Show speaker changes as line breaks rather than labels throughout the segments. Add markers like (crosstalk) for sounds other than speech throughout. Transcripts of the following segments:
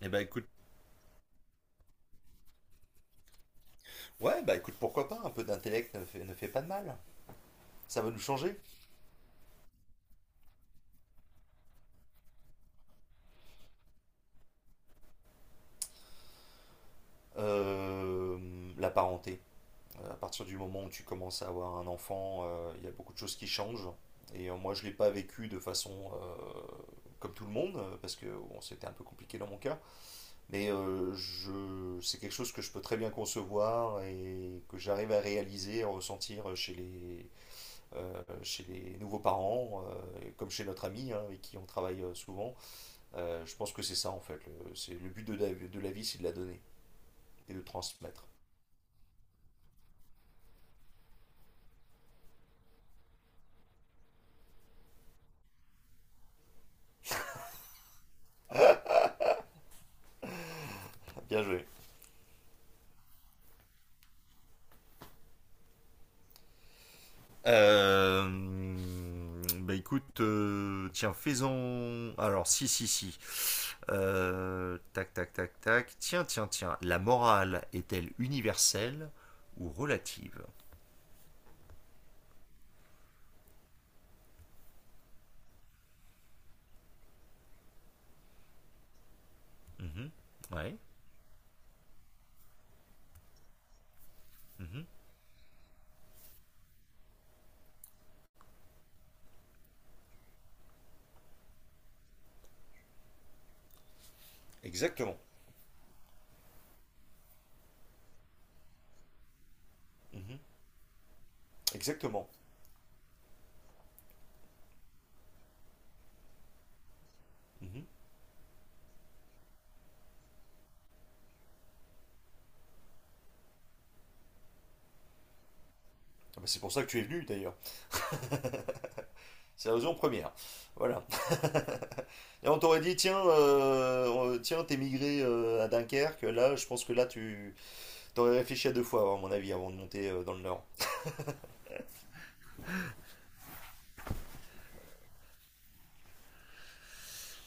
Eh ben écoute, ouais, bah écoute, pourquoi pas, un peu d'intellect ne fait pas de mal. Ça va nous changer. La parenté. À partir du moment où tu commences à avoir un enfant, il y a beaucoup de choses qui changent. Moi, je ne l'ai pas vécu de façon comme tout le monde, parce que bon, c'était un peu compliqué dans mon cas. Mais c'est quelque chose que je peux très bien concevoir et que j'arrive à réaliser, à ressentir chez les nouveaux parents, comme chez notre ami, hein, avec qui on travaille souvent. Je pense que c'est ça en fait. Le but de la vie, c'est de la donner et de transmettre. Bien joué. Bah écoute, tiens, faisons. Alors, si, si, si. Tac, tac, tac, tac. Tiens, tiens, tiens. La morale est-elle universelle ou relative? Mhm. Ouais. Mhm. Exactement. Mhm. Exactement. Mhm. Ah bah, c'est pour ça que tu es venu d'ailleurs. C'est la raison première. Voilà. Et on t'aurait dit, tiens, t'es migré à Dunkerque, là, je pense que là, tu t'aurais réfléchi à deux fois, à mon avis, avant de monter dans le Nord.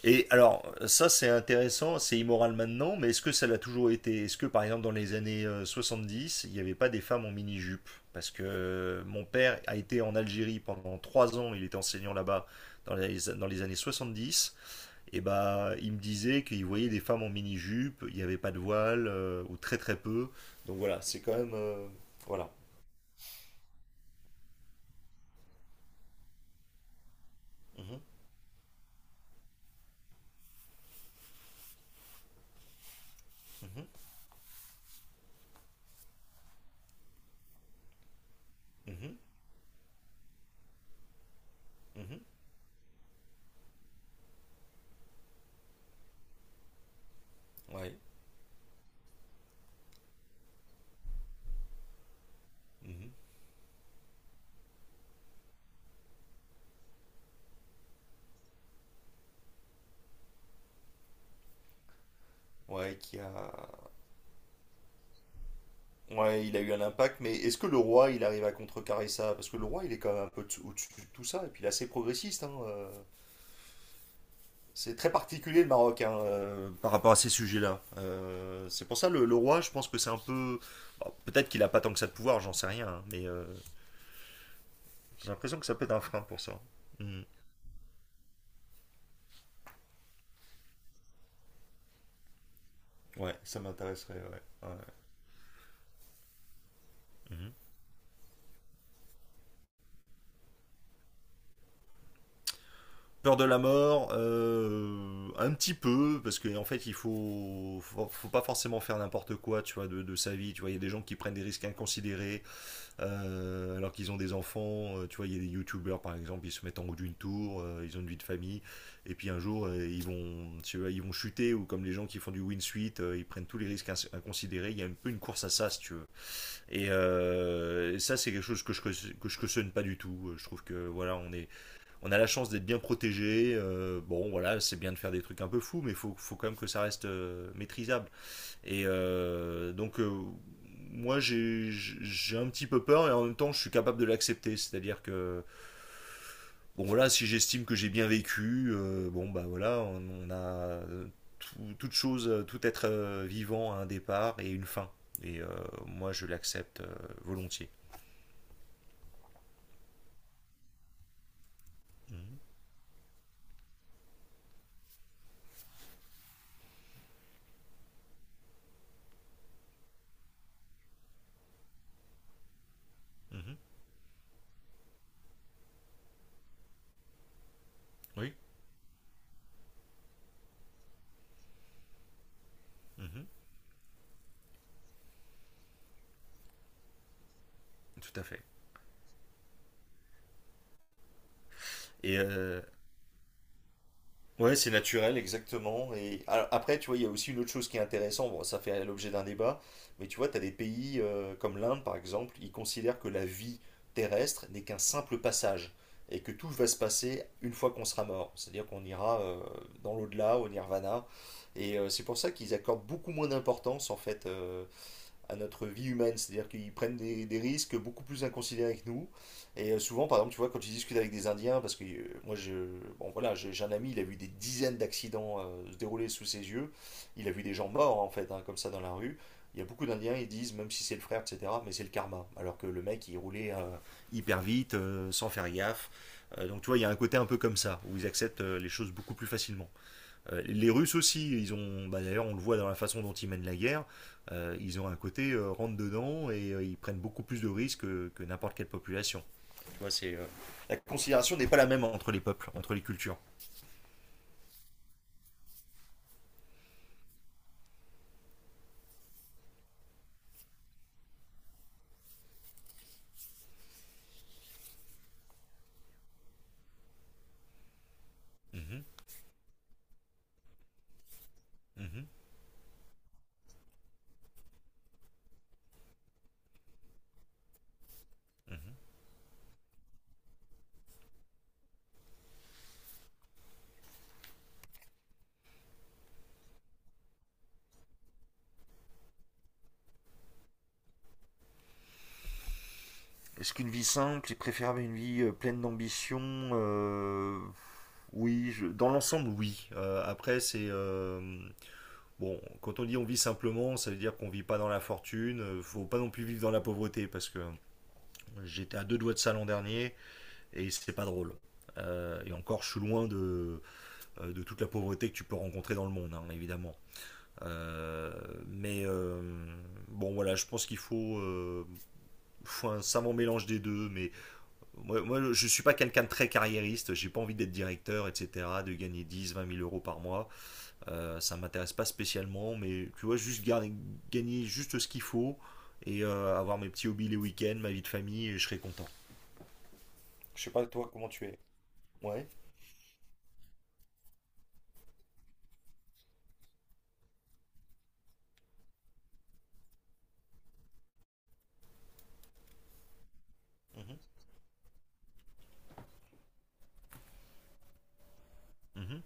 Et alors, ça c'est intéressant, c'est immoral maintenant, mais est-ce que ça l'a toujours été? Est-ce que par exemple dans les années dix il n'y avait pas des femmes en mini-jupe? Parce que mon père a été en Algérie pendant 3 ans, il était enseignant là-bas dans les années 70. Et bah, il me disait qu'il voyait des femmes en mini-jupe, il n'y avait pas de voile, ou très très peu. Donc voilà, c'est quand même, voilà. Mhm, mhm, mhm, mhm. Ouais. Mhm. Ouais, qui a... ouais, il a eu un impact, mais est-ce que le roi, il arrive à contrecarrer ça? Parce que le roi, il est quand même un peu au-dessus de tout ça, et puis il est assez progressiste, hein. C'est très particulier le Maroc, hein, par rapport à ces sujets-là. C'est pour ça le roi, je pense que c'est un peu, bon, peut-être qu'il a pas tant que ça de pouvoir, j'en sais rien, hein, mais. J'ai l'impression que ça peut être un frein pour ça. Mhm. Ouais, ça m'intéresserait, ouais. Ouais. Mhm. Peur de la mort, un petit peu, parce qu'en en fait, il faut pas forcément faire n'importe quoi, tu vois, de sa vie. Tu vois, il y a des gens qui prennent des risques inconsidérés alors qu'ils ont des enfants. Tu vois, il y a des youtubeurs par exemple, ils se mettent en haut d'une tour, ils ont une vie de famille, et puis un jour, ils vont, tu vois, ils vont chuter ou comme les gens qui font du win suite, ils prennent tous les risques inconsidérés. Il y a un peu une course à ça, si tu veux. Et ça, c'est quelque chose que je cautionne pas du tout. Je trouve que voilà, on a la chance d'être bien protégé. Bon, voilà, c'est bien de faire des trucs un peu fous, mais faut quand même que ça reste maîtrisable. Et donc, moi, j'ai un petit peu peur et en même temps, je suis capable de l'accepter. C'est-à-dire que, bon, voilà, si j'estime que j'ai bien vécu, bon, bah voilà, on a toute chose, tout être vivant à un départ et une fin. Et moi, je l'accepte volontiers. Mm. Mhm. Oui. Mhm. Tout à fait. Et ouais, c'est naturel, exactement. Et alors, après, tu vois, il y a aussi une autre chose qui est intéressante. Bon, ça fait l'objet d'un débat, mais tu vois, tu as des pays comme l'Inde, par exemple, ils considèrent que la vie terrestre n'est qu'un simple passage et que tout va se passer une fois qu'on sera mort. C'est-à-dire qu'on ira dans l'au-delà, au nirvana. Et c'est pour ça qu'ils accordent beaucoup moins d'importance, en fait, à notre vie humaine, c'est-à-dire qu'ils prennent des risques beaucoup plus inconsidérés que nous. Et souvent, par exemple, tu vois, quand je discute avec des Indiens, parce que bon, voilà, j'ai un ami, il a vu des dizaines d'accidents se dérouler sous ses yeux, il a vu des gens morts, en fait, hein, comme ça, dans la rue. Il y a beaucoup d'Indiens, ils disent, même si c'est le frère, etc., mais c'est le karma. Alors que le mec, il roulait hyper vite, sans faire gaffe. Donc, tu vois, il y a un côté un peu comme ça, où ils acceptent les choses beaucoup plus facilement. Les Russes aussi, bah, d'ailleurs, on le voit dans la façon dont ils mènent la guerre, ils ont un côté rentre dedans et ils prennent beaucoup plus de risques que n'importe quelle population. Tu vois, la considération n'est pas la même entre les peuples, entre les cultures. Mhm, mhm, mhm. Est-ce qu'une vie simple est préférable à une vie pleine d'ambition? Euh, Oui, dans l'ensemble, oui. Après, c'est bon. Quand on dit on vit simplement, ça veut dire qu'on vit pas dans la fortune. Faut pas non plus vivre dans la pauvreté parce que j'étais à deux doigts de ça l'an dernier. Et c'est pas drôle. Et encore, je suis loin de toute la pauvreté que tu peux rencontrer dans le monde, hein, évidemment. Mais bon, voilà, je pense qu'il faut un savant mélange des deux. Mais moi je suis pas quelqu'un de très carriériste, j'ai pas envie d'être directeur, etc., de gagner dix vingt mille euros par mois. Ça m'intéresse pas spécialement, mais tu vois, juste gagner juste ce qu'il faut et avoir mes petits hobbies les week-ends, ma vie de famille, et je serai content. Je sais pas, toi, comment tu es? Ouais. Mmh. Mmh.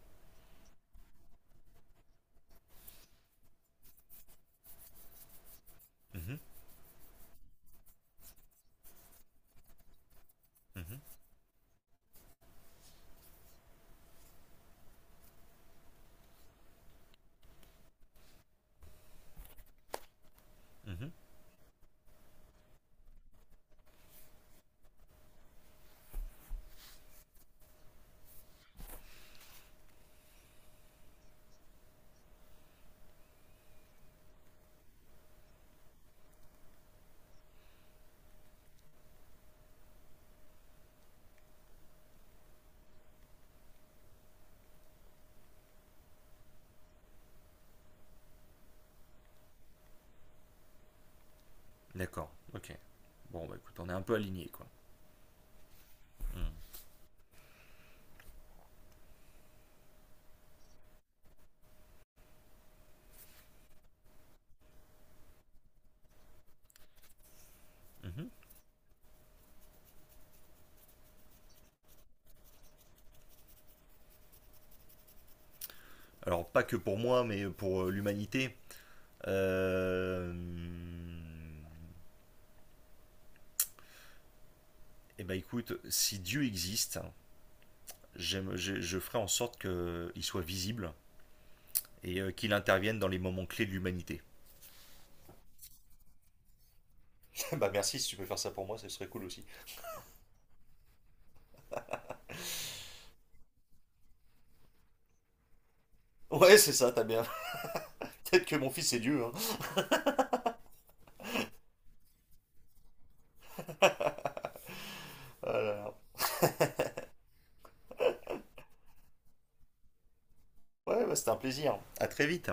Mmh. Mhm, mhm. D'accord, ok. Bon, bah écoute, on est un peu aligné, quoi. Mhm, mhm. Alors, pas que pour moi, mais pour l'humanité. Euh... Eh ben écoute, si Dieu existe, je ferai en sorte qu'il soit visible et qu'il intervienne dans les moments clés de l'humanité. (laughs) Bah merci, si tu peux faire ça pour moi, ce serait cool aussi. Ouais, c'est ça, t'as bien. (laughs) Peut-être que mon fils est Dieu, hein. Ah là là. Ouais, bah, c'était un plaisir. À très vite!